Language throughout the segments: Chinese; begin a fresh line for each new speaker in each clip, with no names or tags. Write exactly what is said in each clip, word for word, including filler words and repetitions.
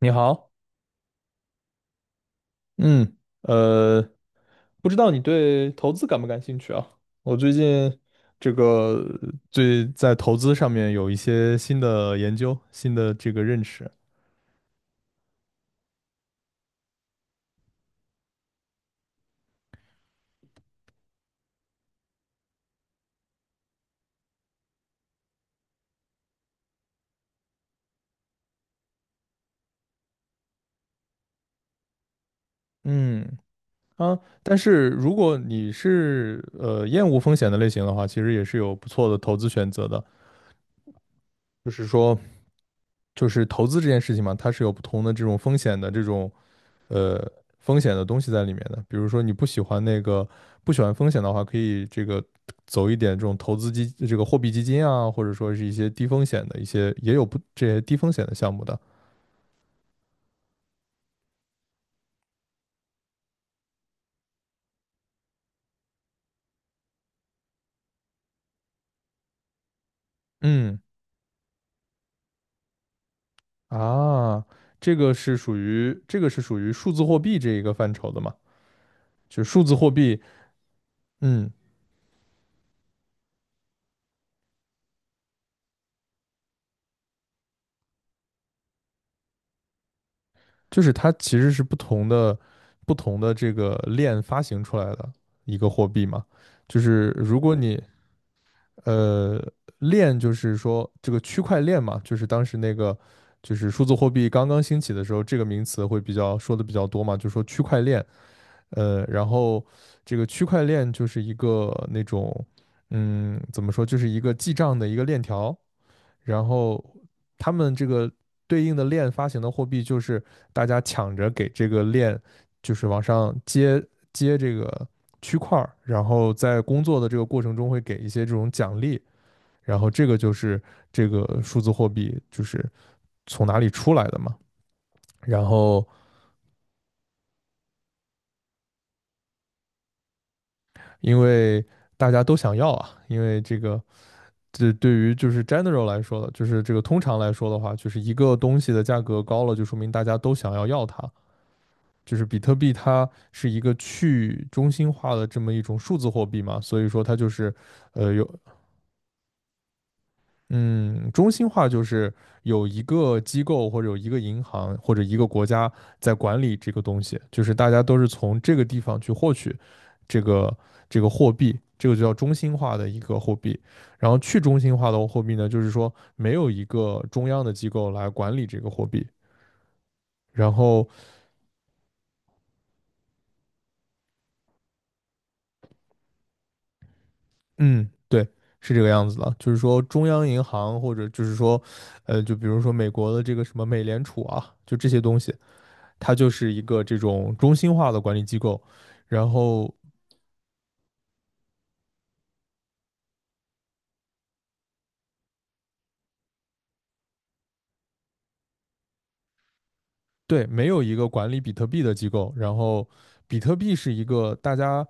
你好，嗯，呃，不知道你对投资感不感兴趣啊？我最近这个最在投资上面有一些新的研究，新的这个认识。嗯啊，但是如果你是呃厌恶风险的类型的话，其实也是有不错的投资选择的。就是说，就是投资这件事情嘛，它是有不同的这种风险的这种呃风险的东西在里面的。比如说你不喜欢那个不喜欢风险的话，可以这个走一点这种投资基这个货币基金啊，或者说是一些低风险的一些也有不这些低风险的项目的。嗯啊，这个是属于这个是属于数字货币这一个范畴的嘛？就是数字货币，嗯，就是它其实是不同的不同的这个链发行出来的一个货币嘛。就是如果你呃，链就是说这个区块链嘛，就是当时那个就是数字货币刚刚兴起的时候，这个名词会比较说的比较多嘛，就说区块链。呃，然后这个区块链就是一个那种，嗯，怎么说，就是一个记账的一个链条。然后他们这个对应的链发行的货币，就是大家抢着给这个链，就是往上接接这个区块儿，然后在工作的这个过程中会给一些这种奖励。然后这个就是这个数字货币就是从哪里出来的嘛。然后因为大家都想要啊，因为这个这对于就是 general 来说的，就是这个通常来说的话，就是一个东西的价格高了，就说明大家都想要要它。就是比特币它是一个去中心化的这么一种数字货币嘛，所以说它就是呃有嗯，中心化就是有一个机构或者有一个银行或者一个国家在管理这个东西，就是大家都是从这个地方去获取这个这个货币，这个就叫中心化的一个货币。然后去中心化的货币呢，就是说没有一个中央的机构来管理这个货币。然后，嗯，对，是这个样子的，就是说中央银行或者就是说，呃，就比如说美国的这个什么美联储啊，就这些东西。它就是一个这种中心化的管理机构，然后对，没有一个管理比特币的机构，然后比特币是一个大家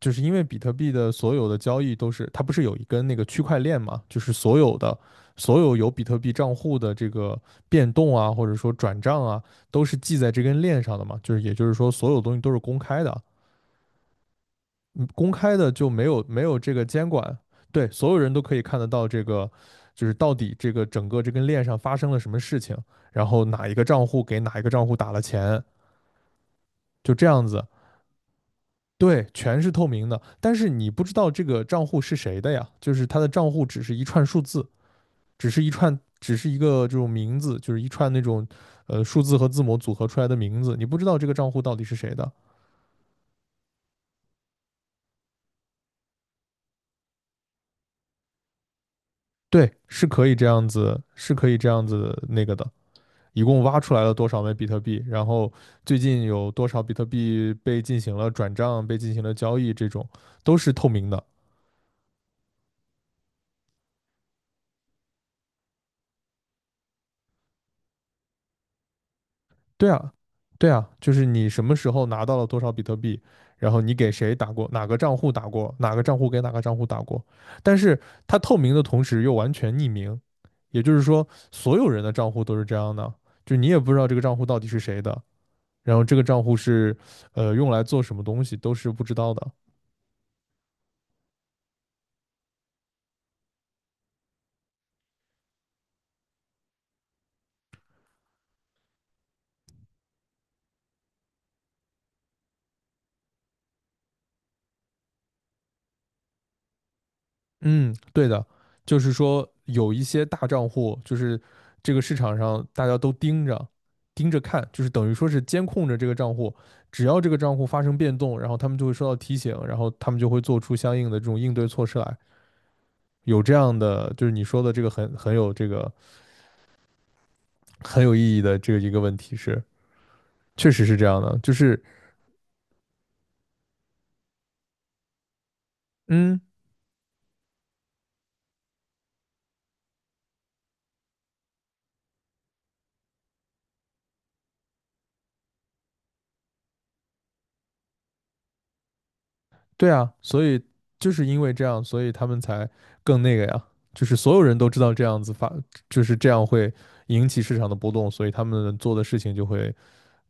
就是因为比特币的所有的交易都是它不是有一根那个区块链嘛，就是所有的所有有比特币账户的这个变动啊，或者说转账啊，都是记在这根链上的嘛，就是也就是说所有东西都是公开的，嗯，公开的就没有没有这个监管，对，所有人都可以看得到这个，就是到底这个整个这根链上发生了什么事情，然后哪一个账户给哪一个账户打了钱，就这样子，对，全是透明的。但是你不知道这个账户是谁的呀，就是他的账户只是一串数字，只是一串，只是一个这种名字，就是一串那种呃数字和字母组合出来的名字，你不知道这个账户到底是谁的。对，是可以这样子，是可以这样子那个的。一共挖出来了多少枚比特币，然后最近有多少比特币被进行了转账、被进行了交易，这种都是透明的。对啊，对啊，就是你什么时候拿到了多少比特币，然后你给谁打过，哪个账户打过，哪个账户给哪个账户打过，但是它透明的同时又完全匿名，也就是说，所有人的账户都是这样的，就你也不知道这个账户到底是谁的，然后这个账户是呃用来做什么东西都是不知道的。嗯，对的，就是说有一些大账户，就是这个市场上大家都盯着盯着看，就是等于说是监控着这个账户，只要这个账户发生变动，然后他们就会收到提醒，然后他们就会做出相应的这种应对措施来。有这样的，就是你说的这个很很有这个很有意义的这个一个问题是，确实是这样的，就是嗯。对啊，所以就是因为这样，所以他们才更那个呀，就是所有人都知道这样子发，就是这样会引起市场的波动，所以他们做的事情就会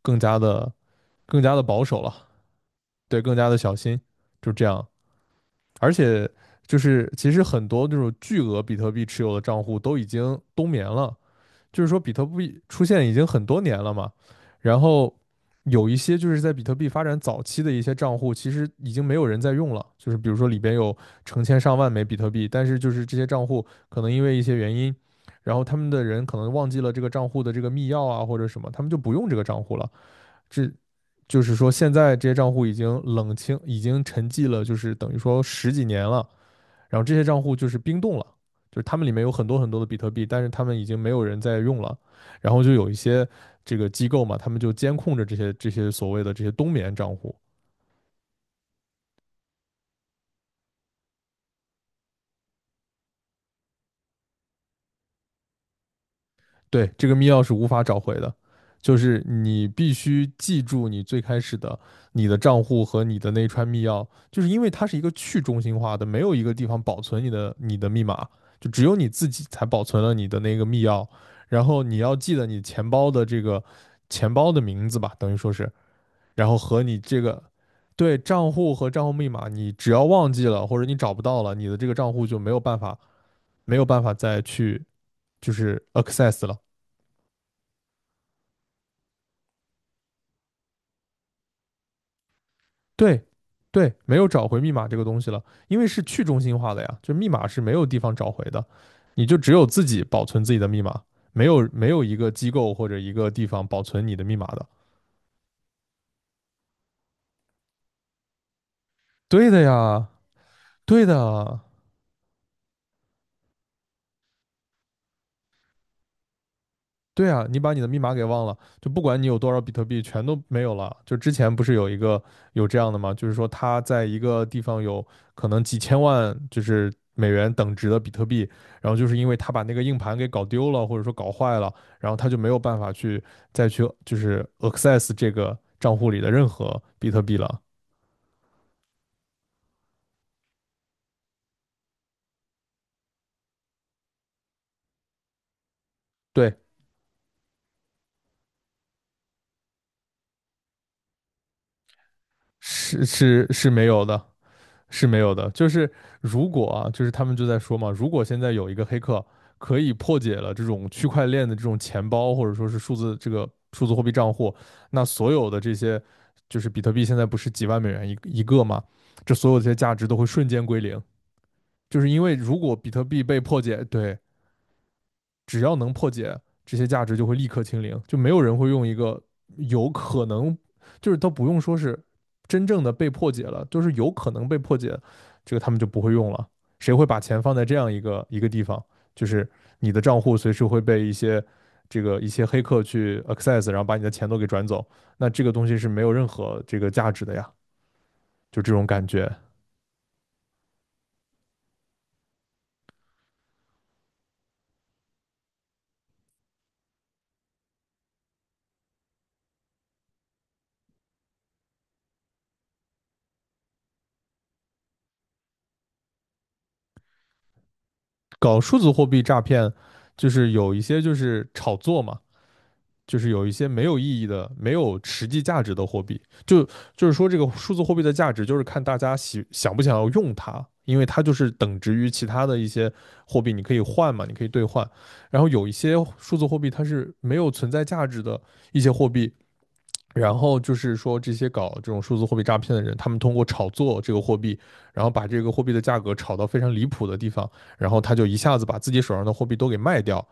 更加的、更加的保守了，对，更加的小心，就这样。而且就是其实很多那种巨额比特币持有的账户都已经冬眠了，就是说比特币出现已经很多年了嘛，然后有一些就是在比特币发展早期的一些账户，其实已经没有人在用了，就是比如说里边有成千上万枚比特币，但是就是这些账户可能因为一些原因，然后他们的人可能忘记了这个账户的这个密钥啊或者什么，他们就不用这个账户了，这。就是说，现在这些账户已经冷清，已经沉寂了，就是等于说十几年了。然后这些账户就是冰冻了，就是他们里面有很多很多的比特币，但是他们已经没有人在用了，然后就有一些这个机构嘛，他们就监控着这些这些所谓的这些冬眠账户，对，这个密钥是无法找回的，就是你必须记住你最开始的你的账户和你的那一串密钥，就是因为它是一个去中心化的，没有一个地方保存你的你的密码，就只有你自己才保存了你的那个密钥，然后你要记得你钱包的这个。钱包的名字吧，等于说是然后和你这个对账户和账户密码，你只要忘记了或者你找不到了，你的这个账户就没有办法没有办法再去就是 access 了。对，对，没有找回密码这个东西了，因为是去中心化的呀，就密码是没有地方找回的，你就只有自己保存自己的密码，没有没有一个机构或者一个地方保存你的密码的。对的呀，对的。对啊，你把你的密码给忘了，就不管你有多少比特币，全都没有了。就之前不是有一个有这样的吗？就是说他在一个地方有可能几千万，就是美元等值的比特币，然后就是因为他把那个硬盘给搞丢了，或者说搞坏了，然后他就没有办法去再去就是 access 这个账户里的任何比特币了。对，是是是没有的。是没有的，就是如果啊，就是他们就在说嘛，如果现在有一个黑客可以破解了这种区块链的这种钱包，或者说是数字这个数字货币账户，那所有的这些就是比特币现在不是几万美元一一个嘛，这所有这些价值都会瞬间归零，就是因为如果比特币被破解，对，只要能破解这些价值，就会立刻清零，就没有人会用一个有可能，就是都不用说是真正的被破解了，就是有可能被破解，这个他们就不会用了。谁会把钱放在这样一个一个地方？就是你的账户随时会被一些这个一些黑客去 access，然后把你的钱都给转走，那这个东西是没有任何这个价值的呀，就这种感觉。搞数字货币诈骗，就是有一些就是炒作嘛，就是有一些没有意义的、没有实际价值的货币，就就是说这个数字货币的价值就是看大家喜想不想要用它，因为它就是等值于其他的一些货币，你可以换嘛，你可以兑换。然后有一些数字货币它是没有存在价值的一些货币，然后就是说这些搞这种数字货币诈骗的人，他们通过炒作这个货币，然后把这个货币的价格炒到非常离谱的地方，然后他就一下子把自己手上的货币都给卖掉，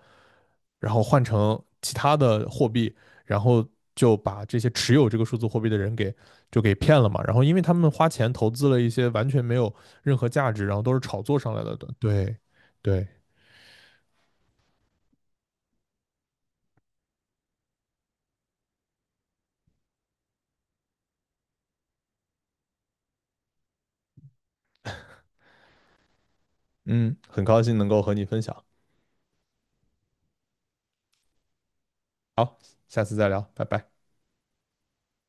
然后换成其他的货币，然后就把这些持有这个数字货币的人给就给骗了嘛。然后因为他们花钱投资了一些完全没有任何价值，然后都是炒作上来的。对，对，嗯，很高兴能够和你分享。好，下次再聊，拜拜。